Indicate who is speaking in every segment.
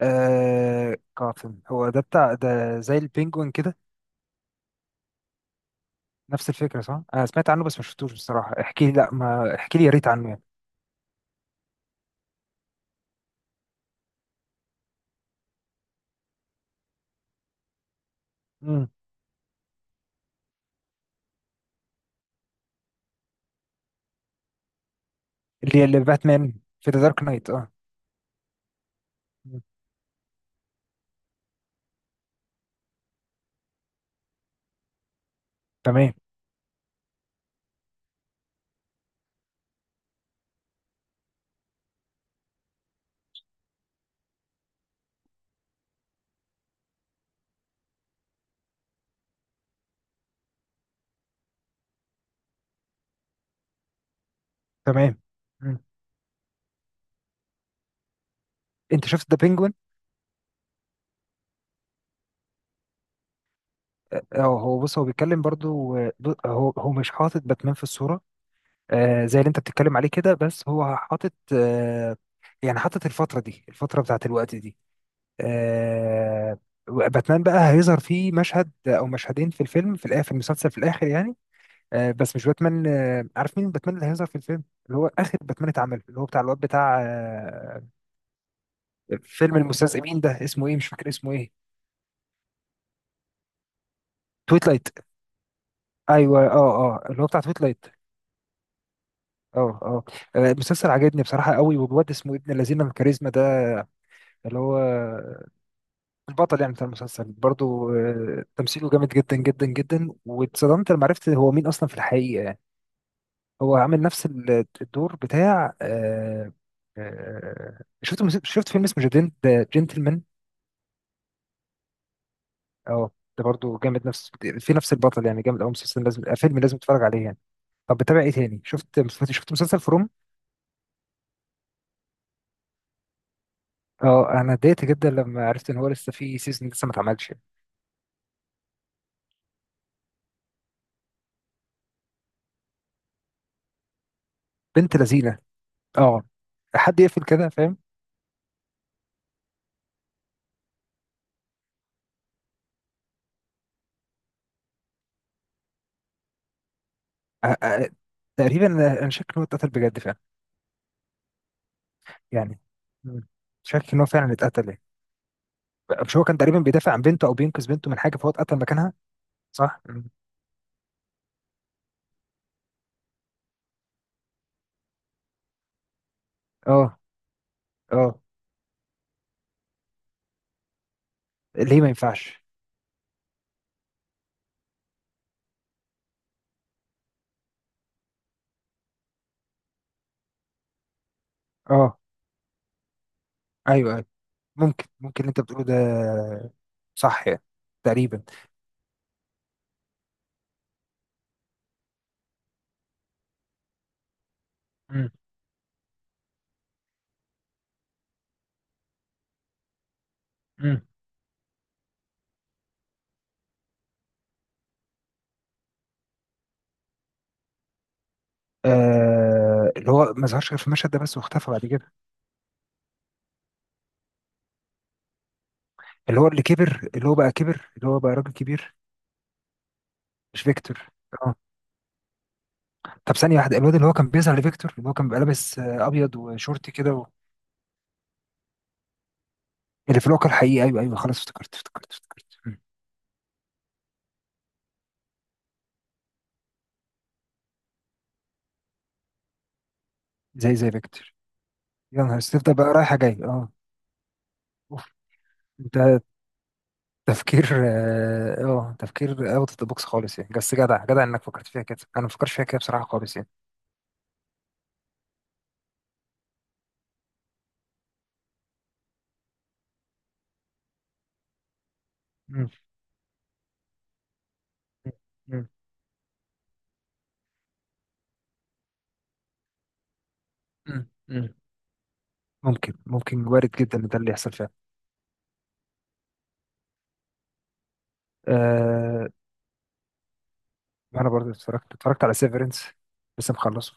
Speaker 1: آه قاتل هو ده بتاع ده زي البينجوين كده. نفس الفكرة صح؟ أنا سمعت عنه بس ما شفتوش بصراحة. احكي لي، لا ما احكي لي، يا ريت عنه يعني. مم. اللي باتمان في ذا دارك نايت اه. مم. تمام. تمام. مم. أنت شفت ذا بينجوين؟ اه، هو بص هو بيتكلم برضو، هو مش حاطط باتمان في الصورة، زي اللي أنت بتتكلم عليه كده بس هو حاطط. يعني حاطط الفترة دي، الفترة بتاعت الوقت دي. آه، باتمان بقى هيظهر فيه مشهد او مشهدين في الفيلم في الاخر، في المسلسل في الاخر يعني. بس مش باتمان، عارف مين باتمان اللي هيظهر في الفيلم اللي هو اخر باتمان اتعمل اللي هو بتاع الواد بتاع فيلم المستذئبين ده اسمه ايه، مش فاكر اسمه ايه. تويت لايت. ايوه اه اه اللي هو بتاع تويت لايت. اه اه. المسلسل عجبني بصراحه قوي، والواد اسمه ابن الذين الكاريزما ده اللي هو البطل يعني بتاع المسلسل برضو، تمثيله جامد جدا جدا جدا، واتصدمت لما عرفت هو مين اصلا في الحقيقه يعني. هو عامل نفس الدور بتاع. شفت فيلم اسمه جنتلمان. اه، ده برضو جامد. نفس، في نفس البطل يعني، جامد قوي مسلسل لازم، فيلم لازم تتفرج عليه يعني. طب بتابع ايه تاني؟ شفت مسلسل فروم. اه انا اتضايقت جدا لما عرفت ان هو لسه في سيزون لسه ما اتعملش. بنت لذينه. اه. حد يقفل كده فاهم. آه، آه، تقريبا أنا شاك ان هو اتقتل بجد فعلا يعني. مم. شاك ان هو فعلا اتقتل يعني. مش هو كان تقريبا بيدافع عن بنته او بينقذ بنته من حاجه فهو اتقتل مكانها. صح. مم. اه اه. ليه ما ينفعش؟ اه. ايوه ايوه، ممكن ممكن اللي انت بتقوله ده صح يعني تقريبا. مم. مم. آه، اللي هو ما ظهرش غير في المشهد ده بس واختفى بعد كده. اللي هو اللي كبر، اللي هو بقى كبر، اللي هو بقى راجل كبير. مش فيكتور. اه. طب ثانية واحدة، الواد اللي هو كان بيظهر لفيكتور اللي هو كان بيبقى لابس ابيض وشورت كده و... اللي في الواقع الحقيقي ايوه ايوه خلاص افتكرت افتكرت افتكرت. مم. زي فيكتور. يا نهار أسود، تفضل بقى رايحة جاي اه. اوف. انت. تفكير اه آه، تفكير اوت اوف ذا بوكس خالص يعني، بس جدع جدع انك فكرت فيها كده، انا ما فكرتش فيها كده بصراحه خالص يعني. مم. مم. مم. مم. ممكن ممكن وارد جدا ان ده اللي يحصل فعلا. أه. انا برضه اتفرجت على سيفرنس، لسه مخلصه.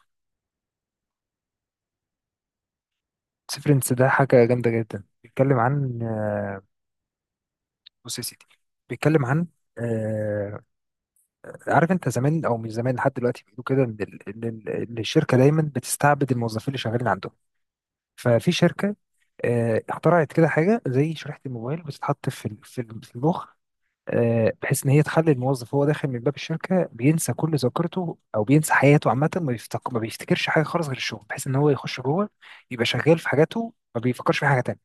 Speaker 1: سيفرنس ده حاجه جامده جدا، بيتكلم عن. آه، بص يا سيدي، بيتكلم عن، آه، عارف انت زمان او مش زمان لحد دلوقتي بيقولوا كده ان ال- إن ال- إن الشركه دايما بتستعبد الموظفين اللي شغالين عندهم. ففي شركه اخترعت كده حاجه زي شريحه الموبايل بتتحط في المخ، بحيث ان هي تخلي الموظف وهو داخل من باب الشركه بينسى كل ذاكرته او بينسى حياته عامه، ما بيفتكرش حاجه خالص غير الشغل، بحيث ان هو يخش جوه يبقى شغال في حاجاته ما بيفكرش في حاجه تانيه.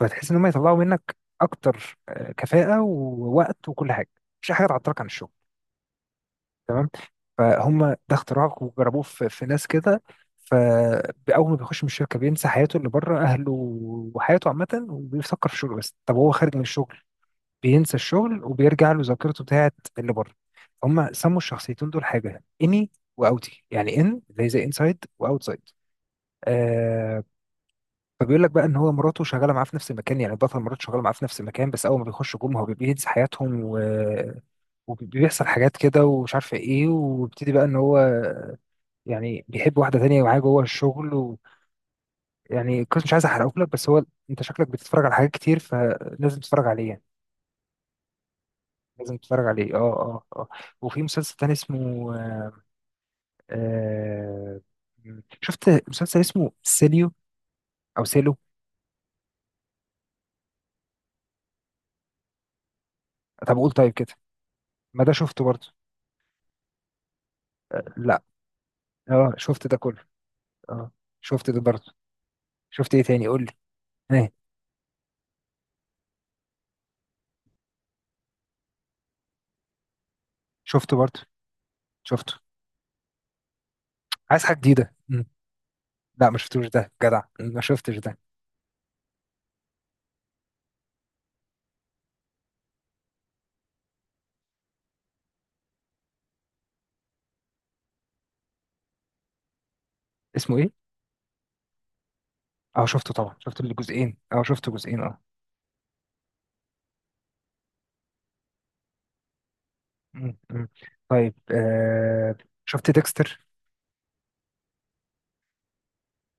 Speaker 1: فتحس ان هم يطلعوا منك اكتر كفاءه ووقت وكل حاجه، مش حاجه تعطلك عن الشغل. فهم ده اختراع وجربوه في ناس كده. فأول ما بيخش من الشركة بينسى حياته اللي بره، أهله وحياته عامة، وبيفكر في الشغل بس. طب هو خارج من الشغل بينسى الشغل وبيرجع له ذاكرته بتاعت اللي بره. هم سموا الشخصيتين دول حاجة إني وأوتي، يعني إن اللي هي زي إنسايد وأوتسايد. آه. فبيقول لك بقى ان هو مراته شغاله معاه في نفس المكان، يعني البطل مراته شغاله معاه في نفس المكان، بس اول ما بيخشوا جم هو بينسى حياتهم و... وبيحصل حاجات كده ومش عارفه ايه، وبيبتدي بقى ان هو يعني بيحب واحدة تانية ومعاه جوه الشغل. ويعني القصة مش عايز احرقه لك، بس هو انت شكلك بتتفرج على حاجات كتير فلازم تتفرج عليه يعني. لازم تتفرج عليه اه اه اه. وفي مسلسل تاني اسمه آه شفت مسلسل اسمه سيليو او سيلو. طب قول. طيب كده ما ده شفته برضه. آه لا. اه شفت ده كله. اه. شفت ده برضه. شفت ايه تاني قول لي؟ ايه؟ شفته برضه. شفته. عايز حاجة جديدة. مم. لا ما شفتوش ده جدع، ما شفتش ده. اسمه ايه؟ اه شفته طبعا، شفت الجزئين اه شفت جزئين اه. مم، مم. طيب. شفت ديكستر.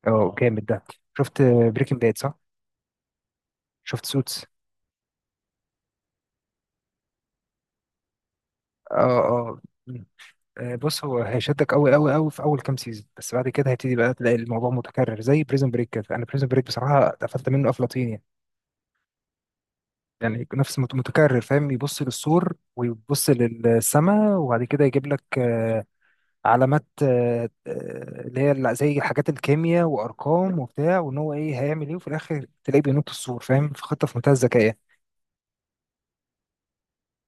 Speaker 1: اه جامد ده. شفت بريكنج باد صح. شفت سوتس. اه اه. مم. بص هو هيشدك قوي قوي قوي في اول كام سيزون، بس بعد كده هيبتدي بقى تلاقي الموضوع متكرر زي بريزن بريك كده. انا بريزن بريك بصراحه اتقفلت منه افلاطين يعني. يعني نفس متكرر فاهم. يبص للسور ويبص للسماء وبعد كده يجيب لك علامات، اللي هي زي حاجات الكيمياء وارقام وبتاع، وان هو ايه هيعمل ايه، وفي الاخر تلاقيه بينط السور فاهم في خطه في منتهى الذكاء.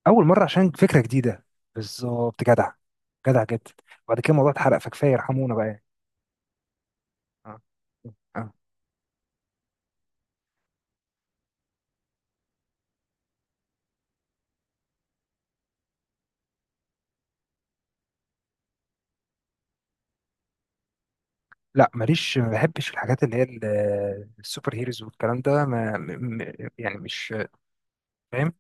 Speaker 1: اول مره عشان فكره جديده. بالظبط جدع. جدع جدا. وبعد كده الموضوع اتحرق، فكفايه يرحمونا بقى يعني. آه. آه. لا ماليش، ما بحبش الحاجات اللي هي السوبر هيروز والكلام ده، ما يعني مش فاهم.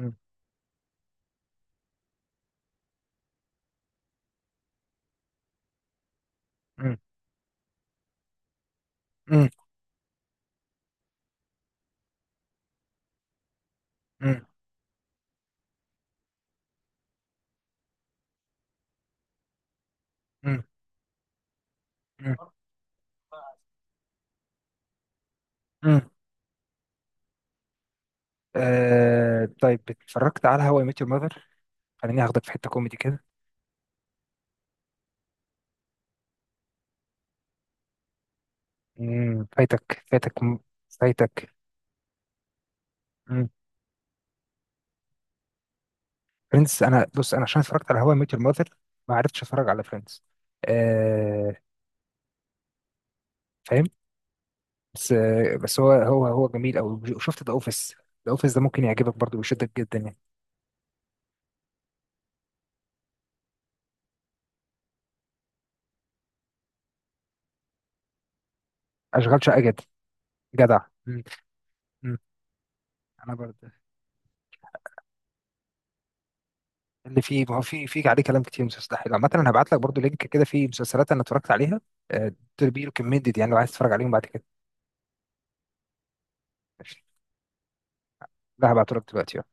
Speaker 1: مم. مم. مم. مم. مم. مم. مم. طيب اتفرجت على هواي ميت يور ماذر، خليني اخدك في حته كوميدي كده. فايتك فايتك فايتك. امم فريندز انا بص انا عشان اتفرجت على هواي ميت يور ماذر، ما عرفتش اتفرج على فريندز. آه. فاهم. بس هو جميل قوي، وشفت ذا اوفيس. ذا اوفيس ده ممكن يعجبك برضه ويشدك جدا يعني. اشغال شقه جدا، جدع. مم. مم. انا برضه اللي فيه، ما هو في عليه كلام كتير مستحيل عامه، انا هبعت لك برضه لينك كده فيه مسلسلات انا اتفرجت عليها. آه. كمية يعني، لو عايز تتفرج عليهم بعد كده. ماشي. لا هبعته لك دلوقتي يلا.